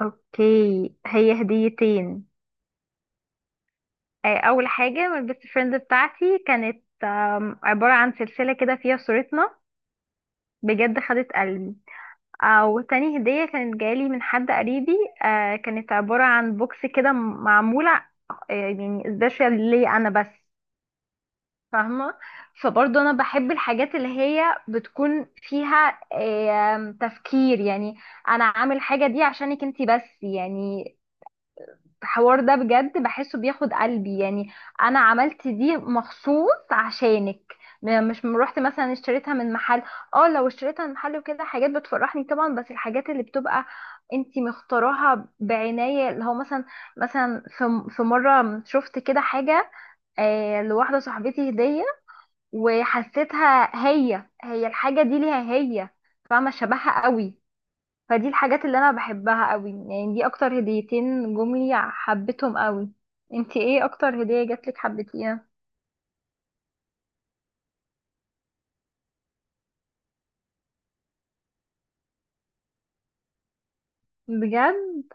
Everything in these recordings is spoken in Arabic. اوكي. هي هديتين. اول حاجه من البيست فريند بتاعتي كانت عباره عن سلسله كده فيها صورتنا. بجد خدت قلبي. او تاني هديه كانت جالي من حد قريبي. كانت عباره عن بوكس كده معموله. يعني سبيشال ليا انا بس. فاهمه؟ فبرضه انا بحب الحاجات اللي هي بتكون فيها تفكير، يعني انا عامل حاجه دي عشانك انتي بس، يعني الحوار ده بجد بحسه بياخد قلبي، يعني انا عملت دي مخصوص عشانك. مش روحت مثلا اشتريتها من محل. اه، لو اشتريتها من محل وكده حاجات بتفرحني طبعا، بس الحاجات اللي بتبقى انتي مختاراها بعناية، اللي هو مثلا، مثلا في مرة شفت كده حاجة، لواحدة صاحبتي هدية، وحسيتها هي هي الحاجة دي ليها هي. فاهمة؟ شبهها قوي. فدي الحاجات اللي انا بحبها قوي، يعني دي اكتر هديتين جم لي حبيتهم قوي. انتي ايه اكتر هدية جاتلك حبيتيها؟ بجد؟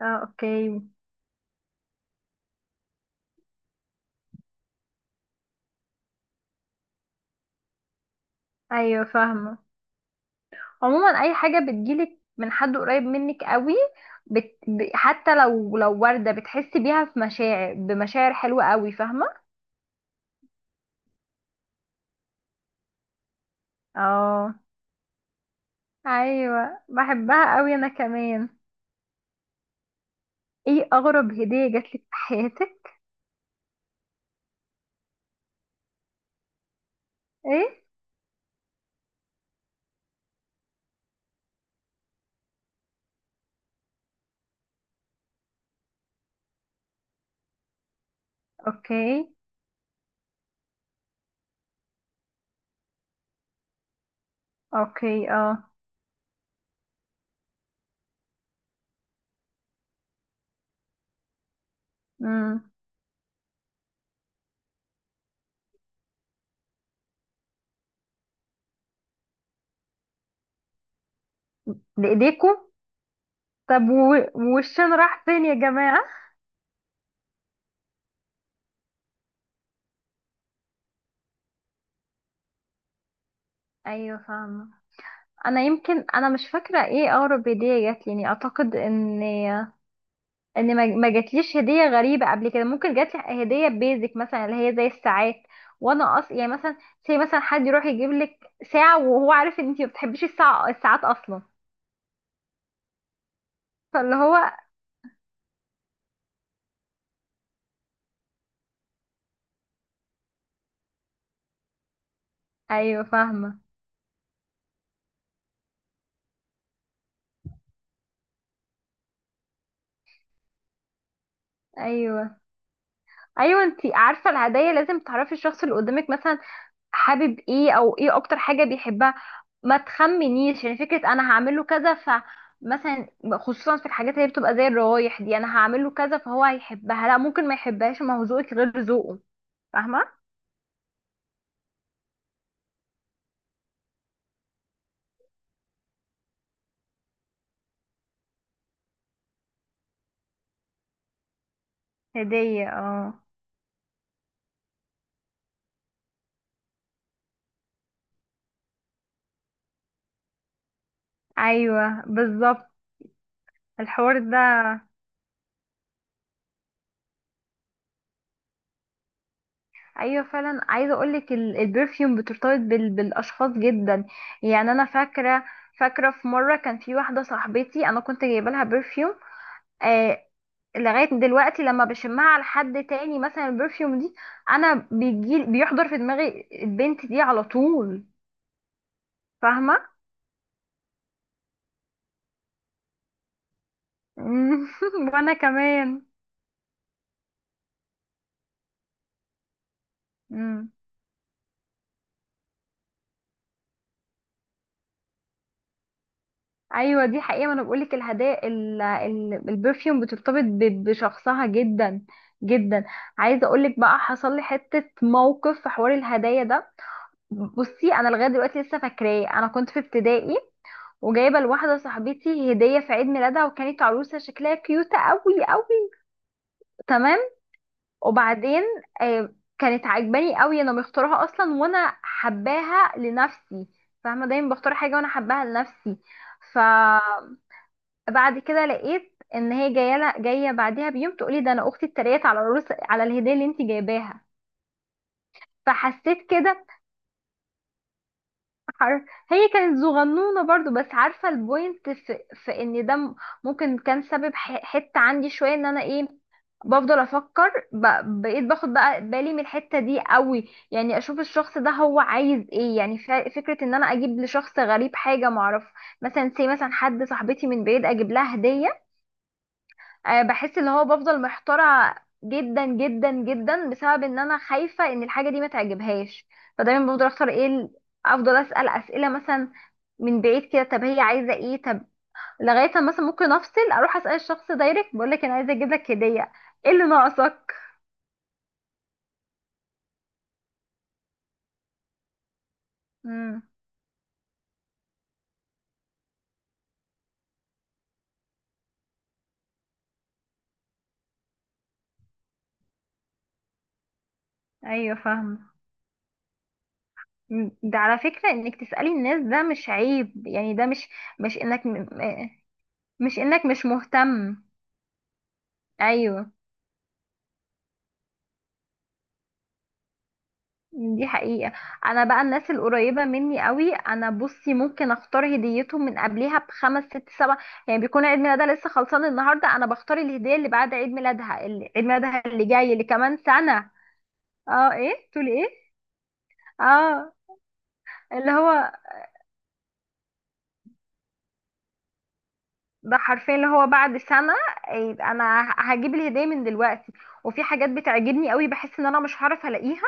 اه، اوكي. ايوه، فاهمه. عموما اي حاجه بتجيلك من حد قريب منك قوي، حتى لو ورده بتحسي بيها في مشاعر، بمشاعر حلوه قوي، فاهمه؟ اه، ايوه، بحبها قوي انا كمان. ايه اغرب هديه جاتلك في حياتك؟ ايه؟ اوكي. اوكي. اه. امم. بايديكوا؟ طب والشين راح فين يا جماعة؟ ايوه، فاهمة. انا يمكن انا مش فاكرة ايه اقرب هدية جات لي، يعني اعتقد ان ما جاتليش هدية غريبة قبل كده. ممكن جات لي هدية بيزك مثلا، اللي هي زي الساعات. وانا اصلا يعني مثلا، زي مثلا حد يروح يجيب لك ساعة وهو عارف ان انتي ما بتحبيش الساعات اصلا. فاللي هو، ايوه، فاهمة. ايوه، ايوه. انتي عارفة الهدايا لازم تعرفي الشخص اللي قدامك، مثلا حابب ايه او ايه اكتر حاجة بيحبها. ما تخمنيش، يعني فكرة انا هعمله كذا، فمثلا خصوصا في الحاجات اللي بتبقى زي الروايح دي، انا هعمله كذا فهو هيحبها، لا ممكن ما يحبهاش، ما هو ذوقك غير ذوقه. فاهمة؟ هدية، اه، ايوه، بالظبط. الحوار ده، ايوه فعلا، عايزه اقولك البرفيوم بترتبط بالاشخاص جدا. يعني انا فاكره في مره كان في واحده صاحبتي، انا كنت جايبه لها برفيوم. لغاية دلوقتي لما بشمها على حد تاني مثلا، البرفيوم دي انا بيجي بيحضر في دماغي البنت دي على طول. فاهمة؟ مم. وانا كمان. مم. ايوه، دي حقيقة. ما انا بقولك الهدايا البرفيوم بترتبط بشخصها جدا، جدا. عايزة اقولك بقى، حصل لي حتة موقف في حوار الهدايا ده. بصي، انا لغاية دلوقتي لسه فاكراه. انا كنت في ابتدائي وجايبة لواحدة صاحبتي هدية في عيد ميلادها، وكانت عروسة شكلها كيوتة قوي قوي. تمام؟ وبعدين كانت عجباني قوي، انا مختارها اصلا وانا حباها لنفسي. فاهمه؟ دايما بختار حاجه وانا حباها لنفسي. فبعد كده لقيت ان هي جايه بعدها بيوم تقولي: ده انا اختي اتريقت على الرز، على الهديه اللي انت جايباها. فحسيت كده. حر... هي كانت صغنونة برضو، بس عارفة البوينت في ان ده ممكن كان سبب حتة عندي شوية، ان انا ايه، بفضل افكر بقيت باخد بقى بالي من الحتة دي قوي. يعني اشوف الشخص ده هو عايز ايه، يعني فكرة ان انا اجيب لشخص غريب حاجة معرف، مثلا مثلا حد صاحبتي من بعيد اجيب لها هدية، بحس اللي هو بفضل محتارة جدا جدا جدا، بسبب ان انا خايفة ان الحاجة دي ما تعجبهاش. فدايما بفضل اختار ايه افضل اسأل اسئلة مثلا، من بعيد كده، طب هي عايزة ايه، طب لغاية ما مثلا ممكن افصل اروح اسأل الشخص دايركت، بقول لك انا عايزة اجيب لك هدية، ايه اللي ناقصك. امم. ايوه، فاهمة. ده على فكرة انك تسألي الناس ده مش عيب، يعني ده مش، مش انك مش انك مش مهتم. ايوه، دي حقيقة. انا بقى الناس القريبة مني قوي، انا بصي ممكن اختار هديتهم من قبلها بخمس ست سبع، يعني بيكون عيد ميلادها لسه خلصان النهاردة، انا بختار الهدية اللي بعد عيد ميلادها، اللي عيد ميلادها اللي جاي اللي كمان سنة. اه، ايه تقولي، ايه؟ اه، اللي هو ده حرفيا اللي هو بعد سنة، يبقى انا هجيب الهدية من دلوقتي. وفي حاجات بتعجبني قوي بحس ان انا مش هعرف الاقيها،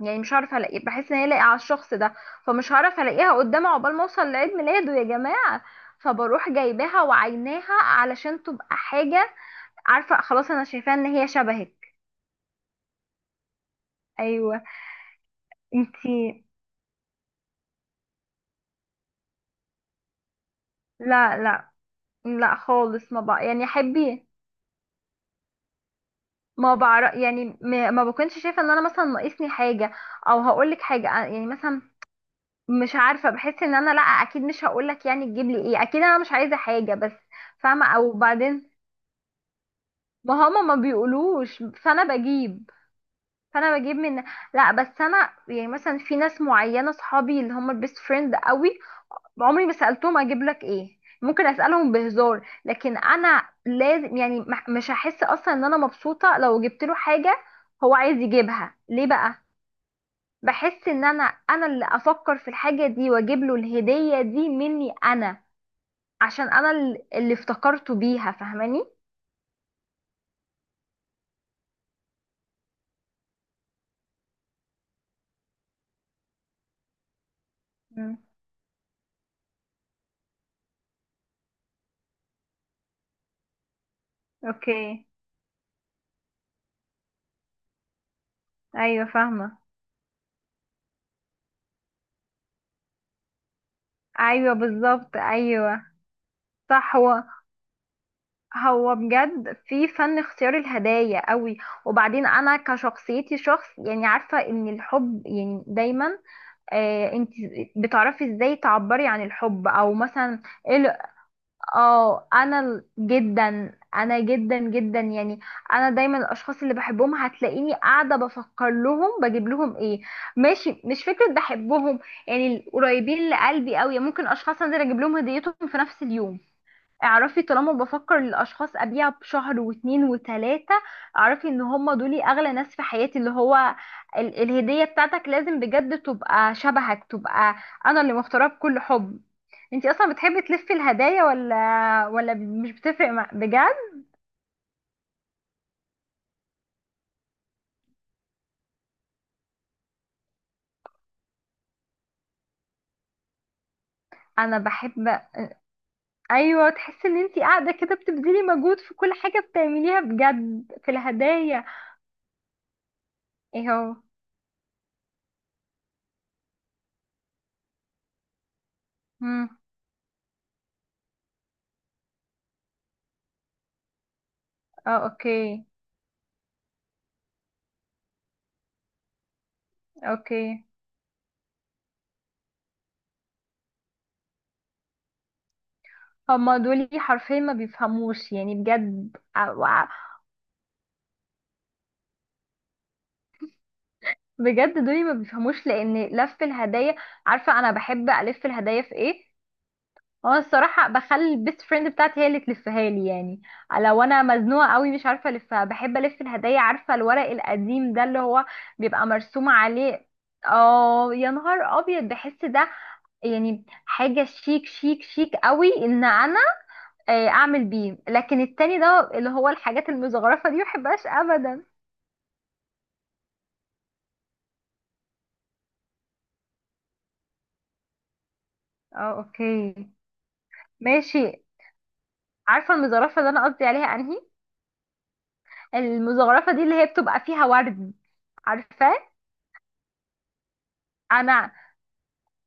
يعني مش هعرف الاقيه، بحس ان هي لاقيه على الشخص ده، فمش هعرف الاقيها قدامه عقبال ما اوصل لعيد ميلاده يا جماعه. فبروح جايباها وعيناها علشان تبقى حاجه، عارفه، خلاص انا شايفاها ان هي شبهك. ايوه. انتي، لا، لا، لا، خالص، ما بقى يعني حبي. ما بعرف، يعني ما بكونش شايفه ان انا مثلا ناقصني حاجه، او هقولك حاجه، يعني مثلا مش عارفه. بحس ان انا، لا، اكيد مش هقولك يعني تجيب لي ايه، اكيد انا مش عايزه حاجه بس. فاهمه؟ او بعدين ما هما ما بيقولوش، فانا بجيب من، لا بس انا يعني مثلا في ناس معينه صحابي اللي هما البيست فريند قوي، عمري ما سالتهم اجيب لك ايه. ممكن اسالهم بهزار، لكن انا لازم يعني مش هحس اصلا ان انا مبسوطه لو جبت له حاجه هو عايز يجيبها ليه بقى. بحس ان انا اللي افكر في الحاجه دي واجيب له الهديه دي مني انا، عشان انا اللي افتكرته بيها. فاهماني؟ مم. اوكي. ايوه، فاهمه. ايوه، بالظبط. ايوه. صح. هو، هو بجد في فن اختيار الهدايا قوي. وبعدين انا كشخصيتي شخص، يعني عارفه ان الحب يعني دايما، انت بتعرفي ازاي تعبري عن الحب او مثلا، ايه اه، انا جدا، انا جدا جدا يعني. انا دايما الاشخاص اللي بحبهم هتلاقيني قاعده بفكر لهم بجيب لهم ايه، ماشي مش فكره بحبهم، يعني القريبين لقلبي قوي ممكن اشخاص انزل اجيب لهم هديتهم في نفس اليوم. اعرفي، طالما بفكر للاشخاص ابيع بشهر واتنين وتلاتة، اعرفي ان هم دول اغلى ناس في حياتي. اللي هو الهدية بتاعتك لازم بجد تبقى شبهك، تبقى انا اللي مختارها بكل حب. انتي اصلا بتحبي تلفي الهدايا ولا مش بتفرق مع بجد؟ انا بحب. ايوه، تحسي ان انتي قاعدة كده بتبذلي مجهود في كل حاجة بتعمليها بجد في الهدايا. ايه هو؟ مم. اه. اوكي. اوكي. هما دول حرفيا ما بيفهموش، يعني بجد بجد دول ما بيفهموش، لان لف الهدايا، عارفه انا بحب الف الهدايا في ايه، هو أنا الصراحه بخلي البيست فريند بتاعتي هي اللي تلفها لي يعني، لو انا مزنوقه قوي مش عارفه الفها. بحب الف الهدايا، عارفه الورق القديم ده اللي هو بيبقى مرسوم عليه. اه يا نهار ابيض، بحس ده يعني حاجه شيك شيك شيك قوي، ان انا اعمل بيه. لكن التاني ده اللي هو الحاجات المزخرفه دي محبهاش ابدا. اه، اوكي، ماشي. عارفه المزخرفه اللي انا قصدي عليها انهي؟ المزخرفه دي اللي هي بتبقى فيها ورد. عارفاه؟ انا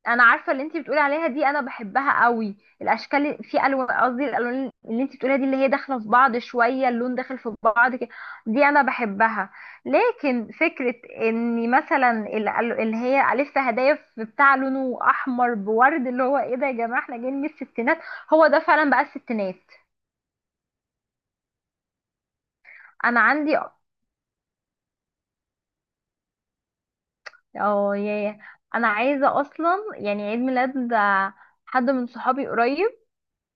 انا عارفه اللي انت بتقولي عليها دي، انا بحبها قوي. الاشكال في الوان، قصدي الالوان اللي انت بتقوليها دي اللي هي داخله في بعض شويه، اللون داخل في بعض كده. دي انا بحبها. لكن فكره ان مثلا اللي هي الف هدايا في بتاع لونه احمر بورد، اللي هو ايه ده يا جماعه، احنا جايين من الستينات؟ هو ده فعلا بقى الستينات. انا عندي، اه، انا عايزه اصلا، يعني عيد ميلاد حد من صحابي قريب،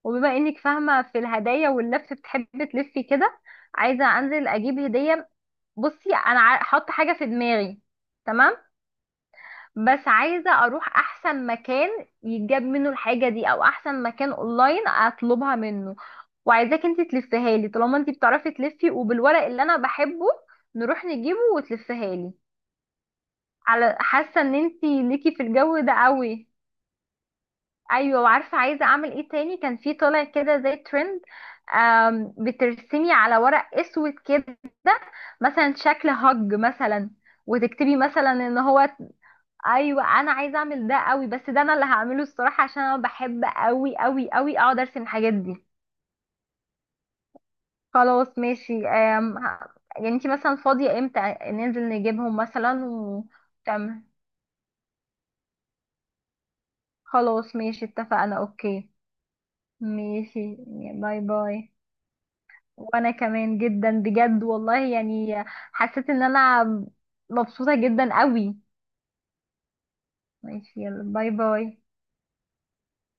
وبما انك فاهمة في الهدايا واللف بتحبي تلفي كده، عايزة انزل اجيب هدية. بصي، انا حاطة حاجة في دماغي. تمام؟ بس عايزة اروح احسن مكان يتجاب منه الحاجة دي، او احسن مكان اونلاين اطلبها منه، وعايزاك انت تلفيها لي طالما انت بتعرفي تلفي، وبالورق اللي انا بحبه، نروح نجيبه وتلفيها لي. على حاسة ان انت ليكي في الجو ده قوي. ايوه، وعارفه عايزه اعمل ايه تاني؟ كان في طالع كده زي ترند، بترسمي على ورق اسود كده مثلا شكل هج مثلا، وتكتبي مثلا ان هو. ايوه، انا عايزه اعمل ده قوي، بس ده انا اللي هعمله الصراحه، عشان انا بحب قوي قوي قوي اقعد ارسم الحاجات دي. خلاص، ماشي. يعني انتي مثلا فاضيه امتى ننزل نجيبهم مثلا تمام. خلاص ماشي، اتفقنا. اوكي، ماشي. باي باي. وانا كمان جدا، بجد والله، يعني حسيت ان انا مبسوطة جدا قوي. ماشي، يلا، باي باي.